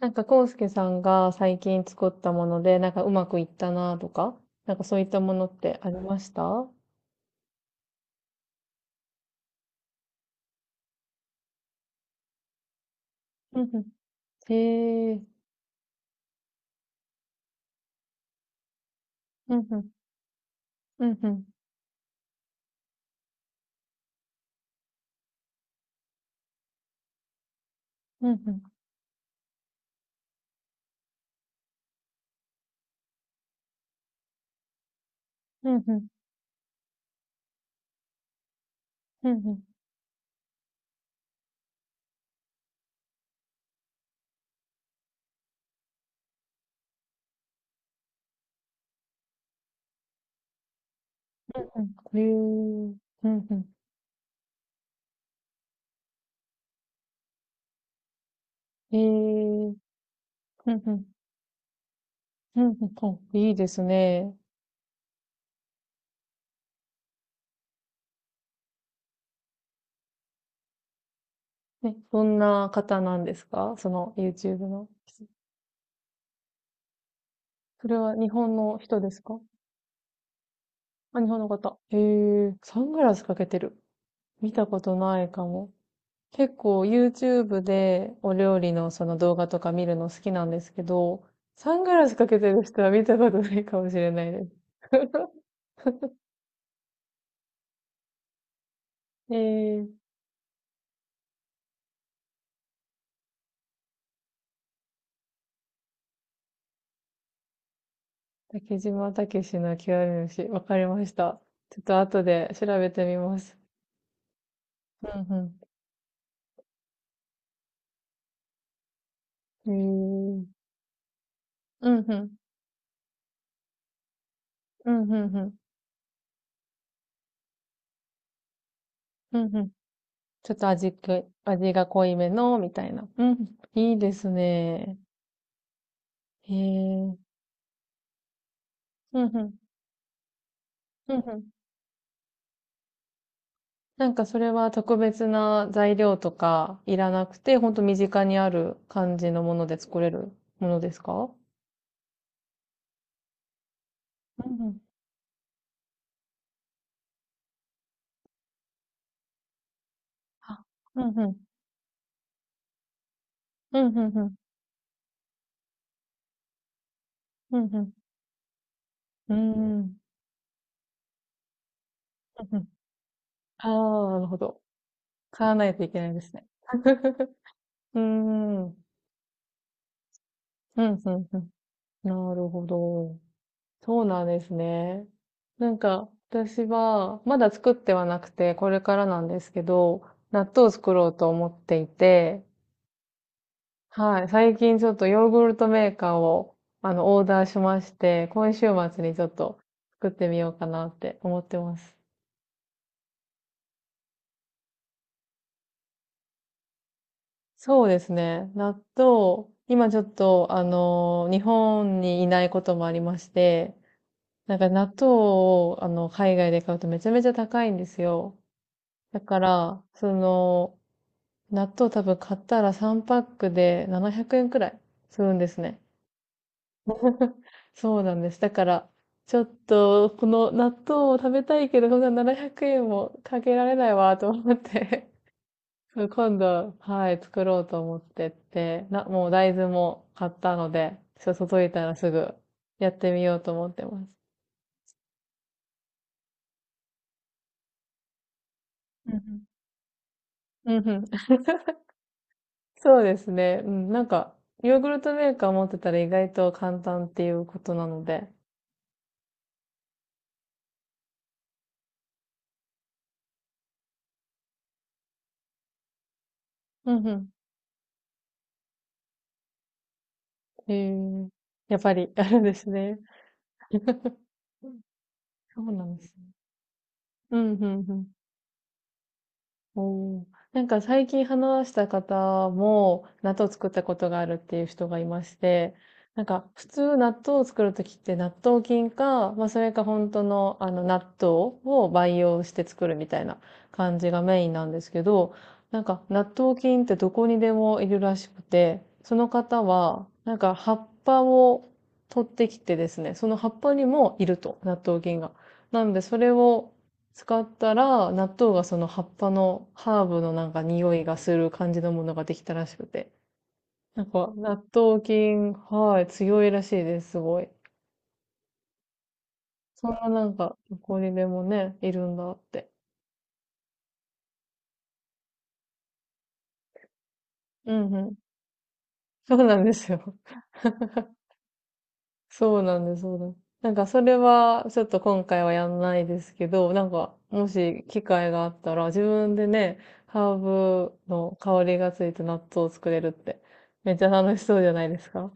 なんか、コウスケさんが最近作ったもので、なんかうまくいったなとか、なんかそういったものってありましたうんうん。へえ。うんうん。うんうん。うんうん。うんうん。うんうん。うんうん。へえ。うんうん。へえ。うんうん。うんうん。いいですね。ね、どんな方なんですか、その YouTube の。それは日本の人ですか？あ、日本の方。へえ。サングラスかけてる。見たことないかも。結構 YouTube でお料理のその動画とか見るの好きなんですけど、サングラスかけてる人は見たことないかもしれないです。えー、竹島武史の極み虫。わかりました。ちょっと後で調べてみます。うんうん。えー、うんうん。うんうんうん。うんうん。ちょっと味が濃いめの、みたいな。うん。いいですね。へえ。うんうん。うんうん。なんかそれは特別な材料とかいらなくて、ほんと身近にある感じのもので作れるものですか？うんうん。あ、うんうん。うんうんうん。うんうん。うーん。うんうん。ああ、なるほど。買わないといけないですね。うーん。うん、うんうん。なるほど。そうなんですね。なんか、私は、まだ作ってはなくて、これからなんですけど、納豆を作ろうと思っていて、はい。最近ちょっとヨーグルトメーカーを、オーダーしまして、今週末にちょっと作ってみようかなって思ってます。そうですね。納豆、今ちょっと、日本にいないこともありまして、なんか納豆を、海外で買うとめちゃめちゃ高いんですよ。だから、その、納豆多分買ったら3パックで700円くえんくらいするんですね。そうなんです。だから、ちょっと、この納豆を食べたいけど、こんな700円もかけられないわ、と思って。 そう、今度、はい、作ろうと思ってって、もう大豆も買ったので、ちょっと届いたらすぐやってみようと思ってます。うんうんうんうん。そうですね。うん、なんか、ヨーグルトメーカー持ってたら意外と簡単っていうことなので。うんうん。えー、やっぱりあるんですね。そうなんですね。うんうんうん。おお、なんか最近話した方も、納豆作ったことがあるっていう人がいまして、なんか普通納豆を作るときって納豆菌か、まあそれか本当のあの納豆を培養して作るみたいな感じがメインなんですけど、なんか納豆菌ってどこにでもいるらしくて、その方はなんか葉っぱを取ってきてですね、その葉っぱにもいると、納豆菌が。なのでそれを使ったら、納豆がその葉っぱのハーブのなんか匂いがする感じのものができたらしくて。なんか、納豆菌、はい、強いらしいです、すごい。そんななんか、どこにでもね、いるんだって。うんうん。そうなんですよ。そうなんです、そうなんです。なんか、それは、ちょっと今回はやんないですけど、なんか、もし機会があったら、自分でね、ハーブの香りがついた納豆を作れるって、めっちゃ楽しそうじゃないですか。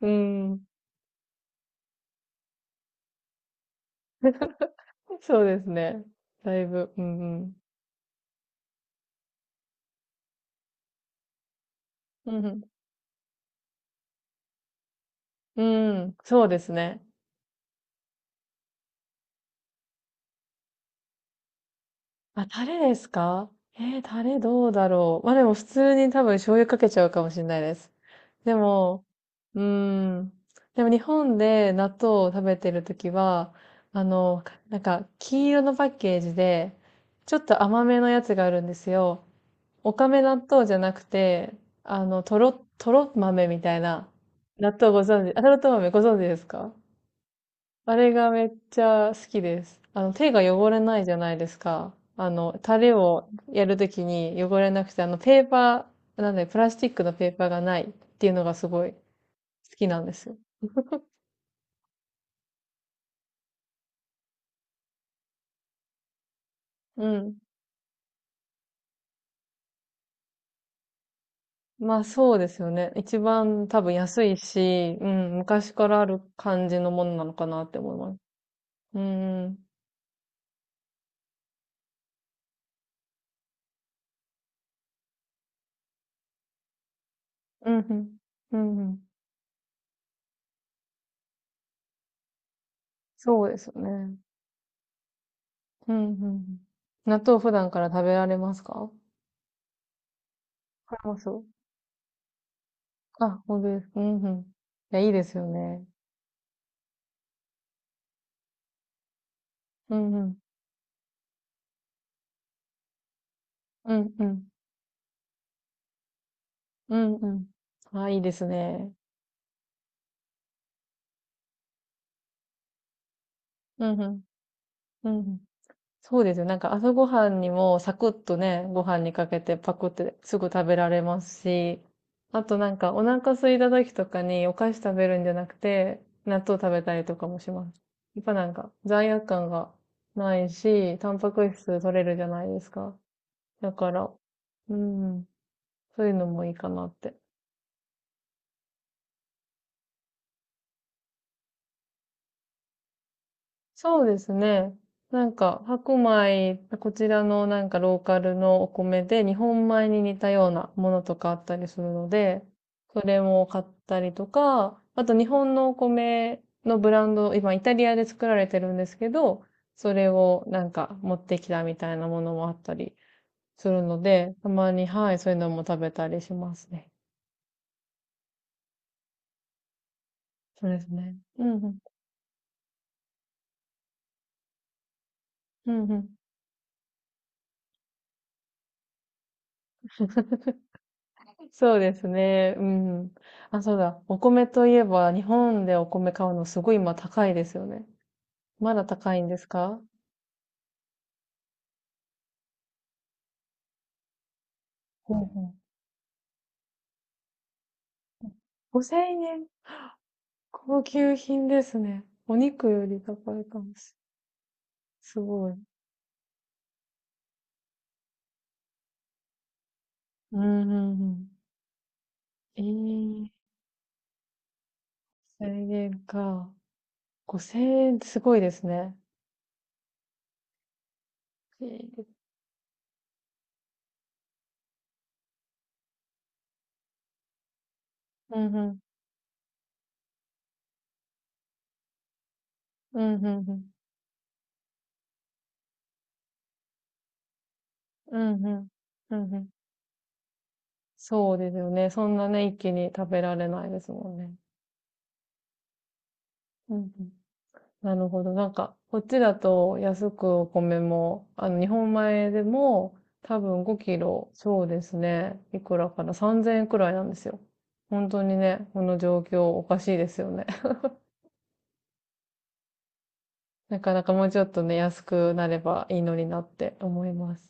うん。そうですね。だいぶ、うんうん。うんうん。うん、そうですね。あ、タレですか？えー、タレどうだろう。ま、でも普通に多分醤油かけちゃうかもしれないです。でも、うーん、でも日本で納豆を食べてるときは、なんか黄色のパッケージで、ちょっと甘めのやつがあるんですよ。おかめ納豆じゃなくて、とろとろ豆みたいな、納豆ご存知あ、とろとろ豆ご存知ですか？あれがめっちゃ好きです。手が汚れないじゃないですか。タレをやるときに汚れなくて、ペーパー、なんで、プラスチックのペーパーがないっていうのがすごい好きなんですよ。うん。まあそうですよね。一番多分安いし、うん、昔からある感じのものなのかなって思います。うん、うん、うん、うん、うん。そうですよね。うん、うん。納豆普段から食べられますか？食べます。あ、ほんですか。うんうん。いや、いいですよね。うんうん。うんうん。うんうん。あ、いいですね。うんうん。うんうん。そうですよ。なんか朝ごはんにもサクッとね、ご飯にかけてパクってすぐ食べられますし、あとなんかお腹空いた時とかにお菓子食べるんじゃなくて、納豆食べたりとかもします。やっぱなんか罪悪感がないし、タンパク質取れるじゃないですか。だから、うん、そういうのもいいかなって。そうですね。なんか、白米、こちらのなんかローカルのお米で日本米に似たようなものとかあったりするので、それも買ったりとか、あと日本のお米のブランド、今イタリアで作られてるんですけど、それをなんか持ってきたみたいなものもあったりするので、たまに、はい、そういうのも食べたりしますね。そうですね。うんうん。うんうん。そうですね。うん。あ、そうだ。お米といえば、日本でお米買うのすごい今高いですよね。まだ高いんですか？ほうほう。5000円。高級品ですね。お肉より高いかもしすごい。うん、うん、うん。ええ、1000円か。5000円ってすごいですね。ええ、うん、うん。うん、うん、うん。うん、うん。うんうん、そうですよね。そんなね、一気に食べられないですもんね。うんうん、なるほど。なんか、こっちだと安くお米も、日本米でも多分5キロ、そうですね。いくらかな？ 3000 円くらいなんですよ。本当にね、この状況おかしいですよね。なかなかもうちょっとね、安くなればいいのになって思います。